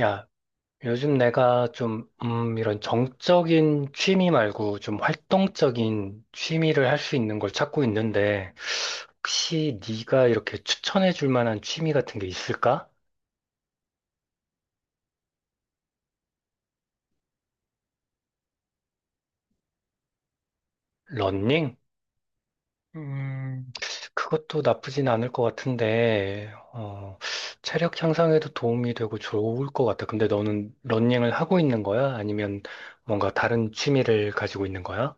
야, 요즘 내가 좀, 이런 정적인 취미 말고 좀 활동적인 취미를 할 수 있는 걸 찾고 있는데, 혹시 네가 이렇게 추천해 줄 만한 취미 같은 게 있을까? 러닝? 음, 그것도 나쁘진 않을 것 같은데, 어, 체력 향상에도 도움이 되고 좋을 것 같아. 근데 너는 러닝을 하고 있는 거야? 아니면 뭔가 다른 취미를 가지고 있는 거야?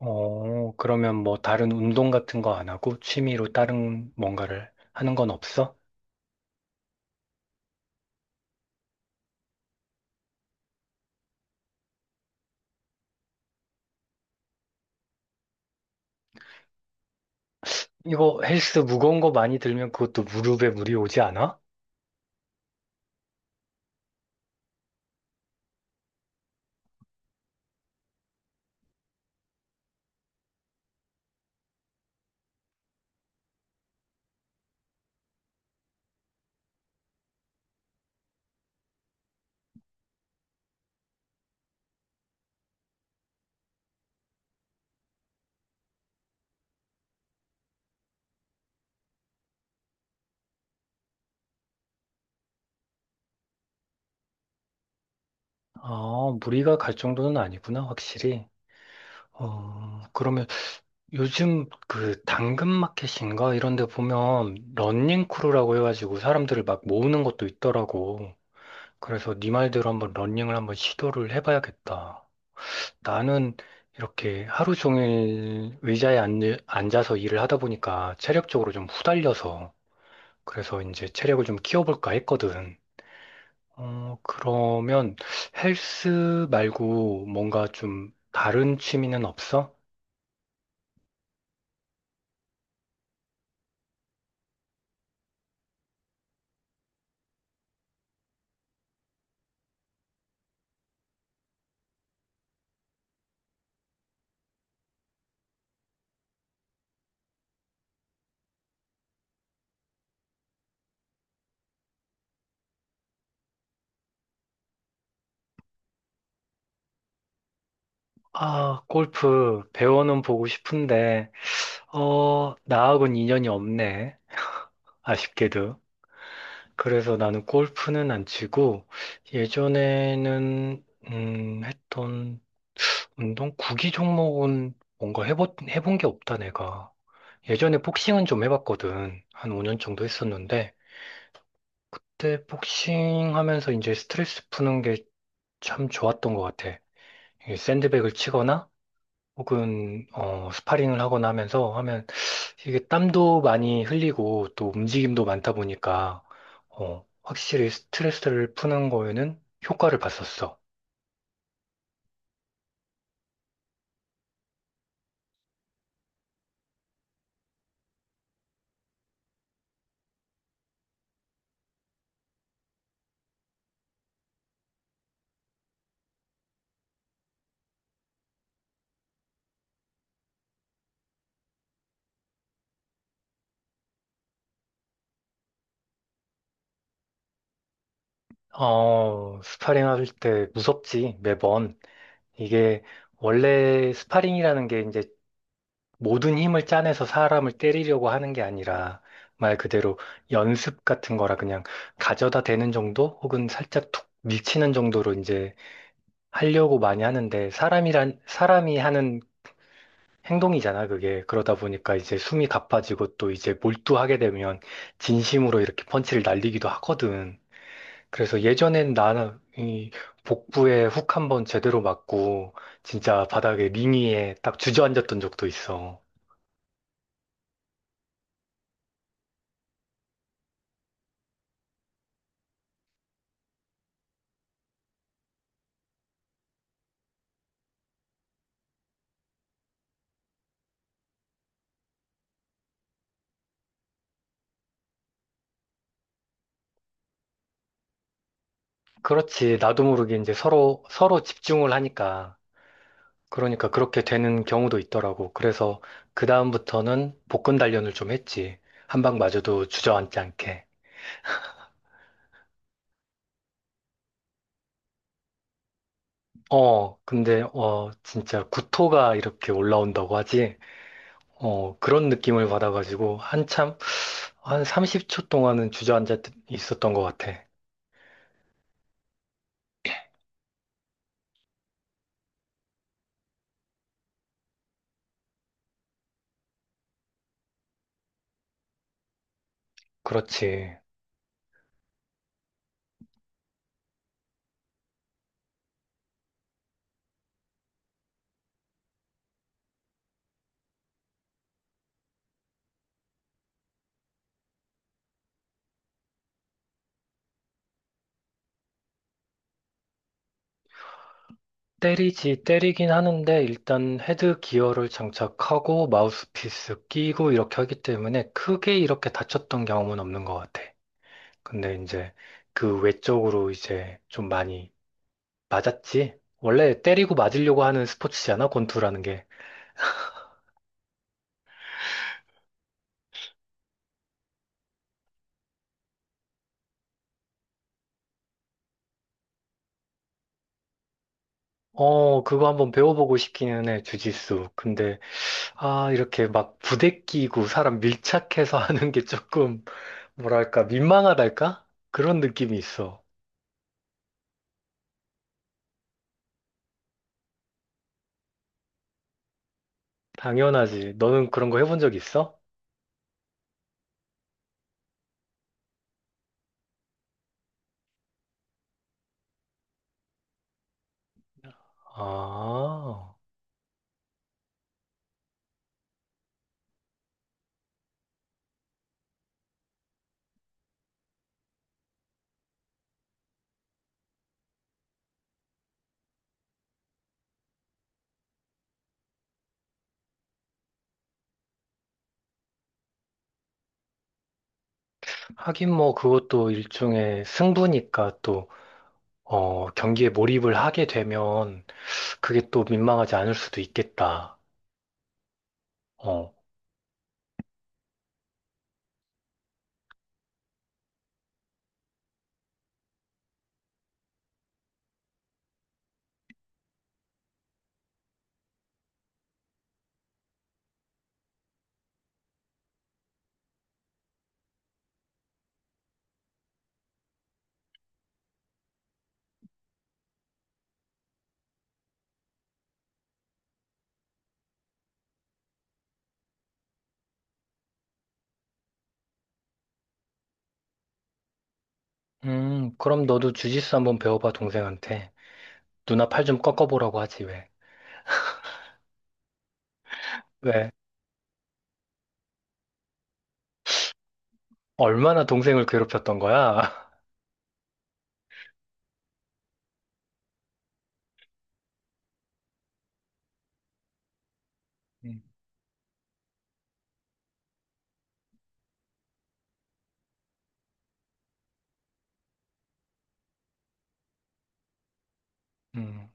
어, 그러면 뭐 다른 운동 같은 거 안 하고 취미로 다른 뭔가를 하는 건 없어? 이거 헬스 무거운 거 많이 들면 그것도 무릎에 무리 오지 않아? 아, 무리가 갈 정도는 아니구나, 확실히. 어, 그러면 요즘 그 당근마켓인가 이런 데 보면 런닝 크루라고 해가지고 사람들을 막 모으는 것도 있더라고. 그래서 네 말대로 한번 런닝을 한번 시도를 해봐야겠다. 나는 이렇게 하루 종일 의자에 앉아서 일을 하다 보니까 체력적으로 좀 후달려서 그래서 이제 체력을 좀 키워볼까 했거든. 어, 그러면 헬스 말고 뭔가 좀 다른 취미는 없어? 아, 골프 배워는 보고 싶은데, 어, 나하고는 인연이 없네. 아쉽게도. 그래서 나는 골프는 안 치고 예전에는 했던 운동 구기 종목은 뭔가 해본 게 없다, 내가. 예전에 복싱은 좀 해봤거든. 한 5년 정도 했었는데, 그때 복싱 하면서 이제 스트레스 푸는 게 참 좋았던 것 같아. 이게 샌드백을 치거나, 혹은, 어, 스파링을 하거나 하면서 하면, 이게 땀도 많이 흘리고, 또 움직임도 많다 보니까, 어, 확실히 스트레스를 푸는 거에는 효과를 봤었어. 어, 스파링 할 때 무섭지, 매번. 이게 원래 스파링이라는 게 이제 모든 힘을 짜내서 사람을 때리려고 하는 게 아니라 말 그대로 연습 같은 거라 그냥 가져다 대는 정도 혹은 살짝 툭 밀치는 정도로 이제 하려고 많이 하는데, 사람이란 사람이 하는 행동이잖아. 그게 그러다 보니까 이제 숨이 가빠지고 또 이제 몰두하게 되면 진심으로 이렇게 펀치를 날리기도 하거든. 그래서 예전엔 나는 이 복부에 훅 한번 제대로 맞고 진짜 바닥에 링이에 딱 주저앉았던 적도 있어. 그렇지. 나도 모르게 이제 서로 서로 집중을 하니까, 그러니까 그렇게 되는 경우도 있더라고. 그래서 그다음부터는 복근 단련을 좀 했지. 한 방 맞아도 주저앉지 않게. 어, 근데 어 진짜 구토가 이렇게 올라온다고 하지. 어, 그런 느낌을 받아가지고 한참 한 30초 동안은 주저앉아 있었던 것 같아. 그렇지. 때리지, 때리긴 하는데, 일단 헤드 기어를 장착하고, 마우스피스 끼고, 이렇게 하기 때문에, 크게 이렇게 다쳤던 경험은 없는 것 같아. 근데 이제, 그 외적으로 이제 좀 많이 맞았지? 원래 때리고 맞으려고 하는 스포츠잖아, 권투라는 게. 어, 그거 한번 배워보고 싶기는 해, 주짓수. 근데, 아, 이렇게 막 부대 끼고, 사람 밀착해서 하는 게 조금, 뭐랄까, 민망하달까? 그런 느낌이 있어. 당연하지. 너는 그런 거 해본 적 있어? 아, 하긴 뭐 그것도 일종의 승부니까 또, 어, 경기에 몰입을 하게 되면 그게 또 민망하지 않을 수도 있겠다. 어, 그럼 너도 주짓수 한번 배워봐, 동생한테. 누나 팔 좀 꺾어보라고 하지, 왜? 왜? 얼마나 동생을 괴롭혔던 거야? 음, 음.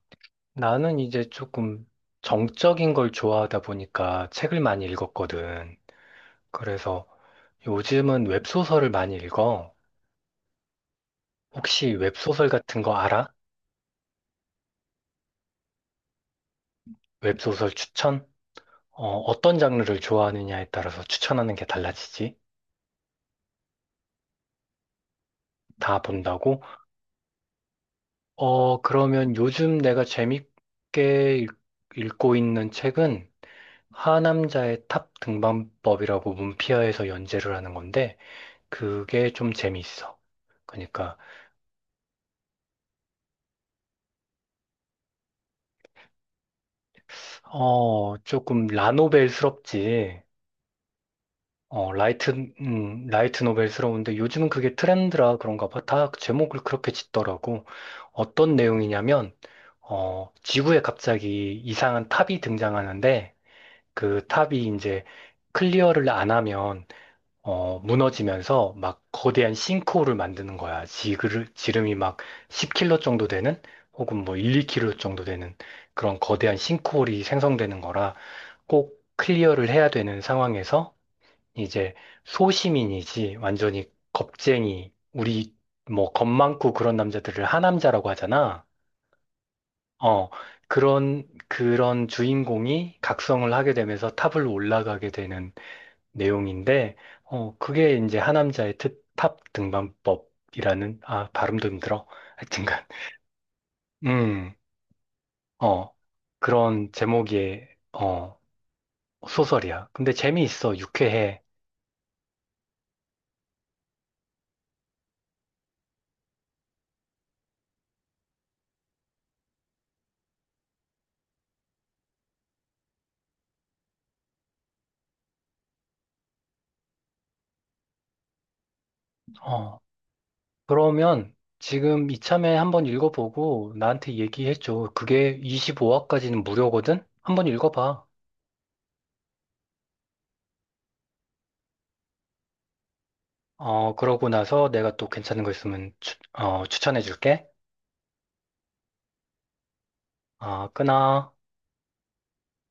나는 이제 조금 정적인 걸 좋아하다 보니까 책을 많이 읽었거든. 그래서 요즘은 웹소설을 많이 읽어. 혹시 웹소설 같은 거 알아? 웹소설 추천? 어, 떤 장르를 좋아하느냐에 따라서 추천하는 게 달라지지. 다 본다고? 어, 그러면 요즘 내가 재밌게 읽고 있는 책은 하남자의 탑 등반법이라고 문피아에서 연재를 하는 건데, 그게 좀 재미있어. 그러니까, 어, 조금 라노벨스럽지. 어, 라이트, 라이트 노벨스러운데 요즘은 그게 트렌드라 그런가 봐. 다 제목을 그렇게 짓더라고. 어떤 내용이냐면, 어, 지구에 갑자기 이상한 탑이 등장하는데, 그 탑이 이제 클리어를 안 하면, 어, 무너지면서 막 거대한 싱크홀을 만드는 거야. 지름이 막 10 km 정도 되는, 혹은 뭐 1, 2 km 정도 되는 그런 거대한 싱크홀이 생성되는 거라 꼭 클리어를 해야 되는 상황에서 이제 소시민이지 완전히 겁쟁이, 우리 뭐 겁 많고 그런 남자들을 하남자라고 하잖아. 어, 그런 주인공이 각성을 하게 되면서 탑을 올라가게 되는 내용인데, 어 그게 이제 하남자의 탑 등반법이라는, 아 발음도 힘들어. 하여튼간 음어 그런 제목의 어 소설이야. 근데 재미있어, 유쾌해. 어, 그러면 지금 이참에 한번 읽어보고 나한테 얘기해줘. 그게 25화까지는 무료거든? 한번 읽어봐. 어, 그러고 나서 내가 또 괜찮은 거 있으면 추천해줄게. 아, 끊어.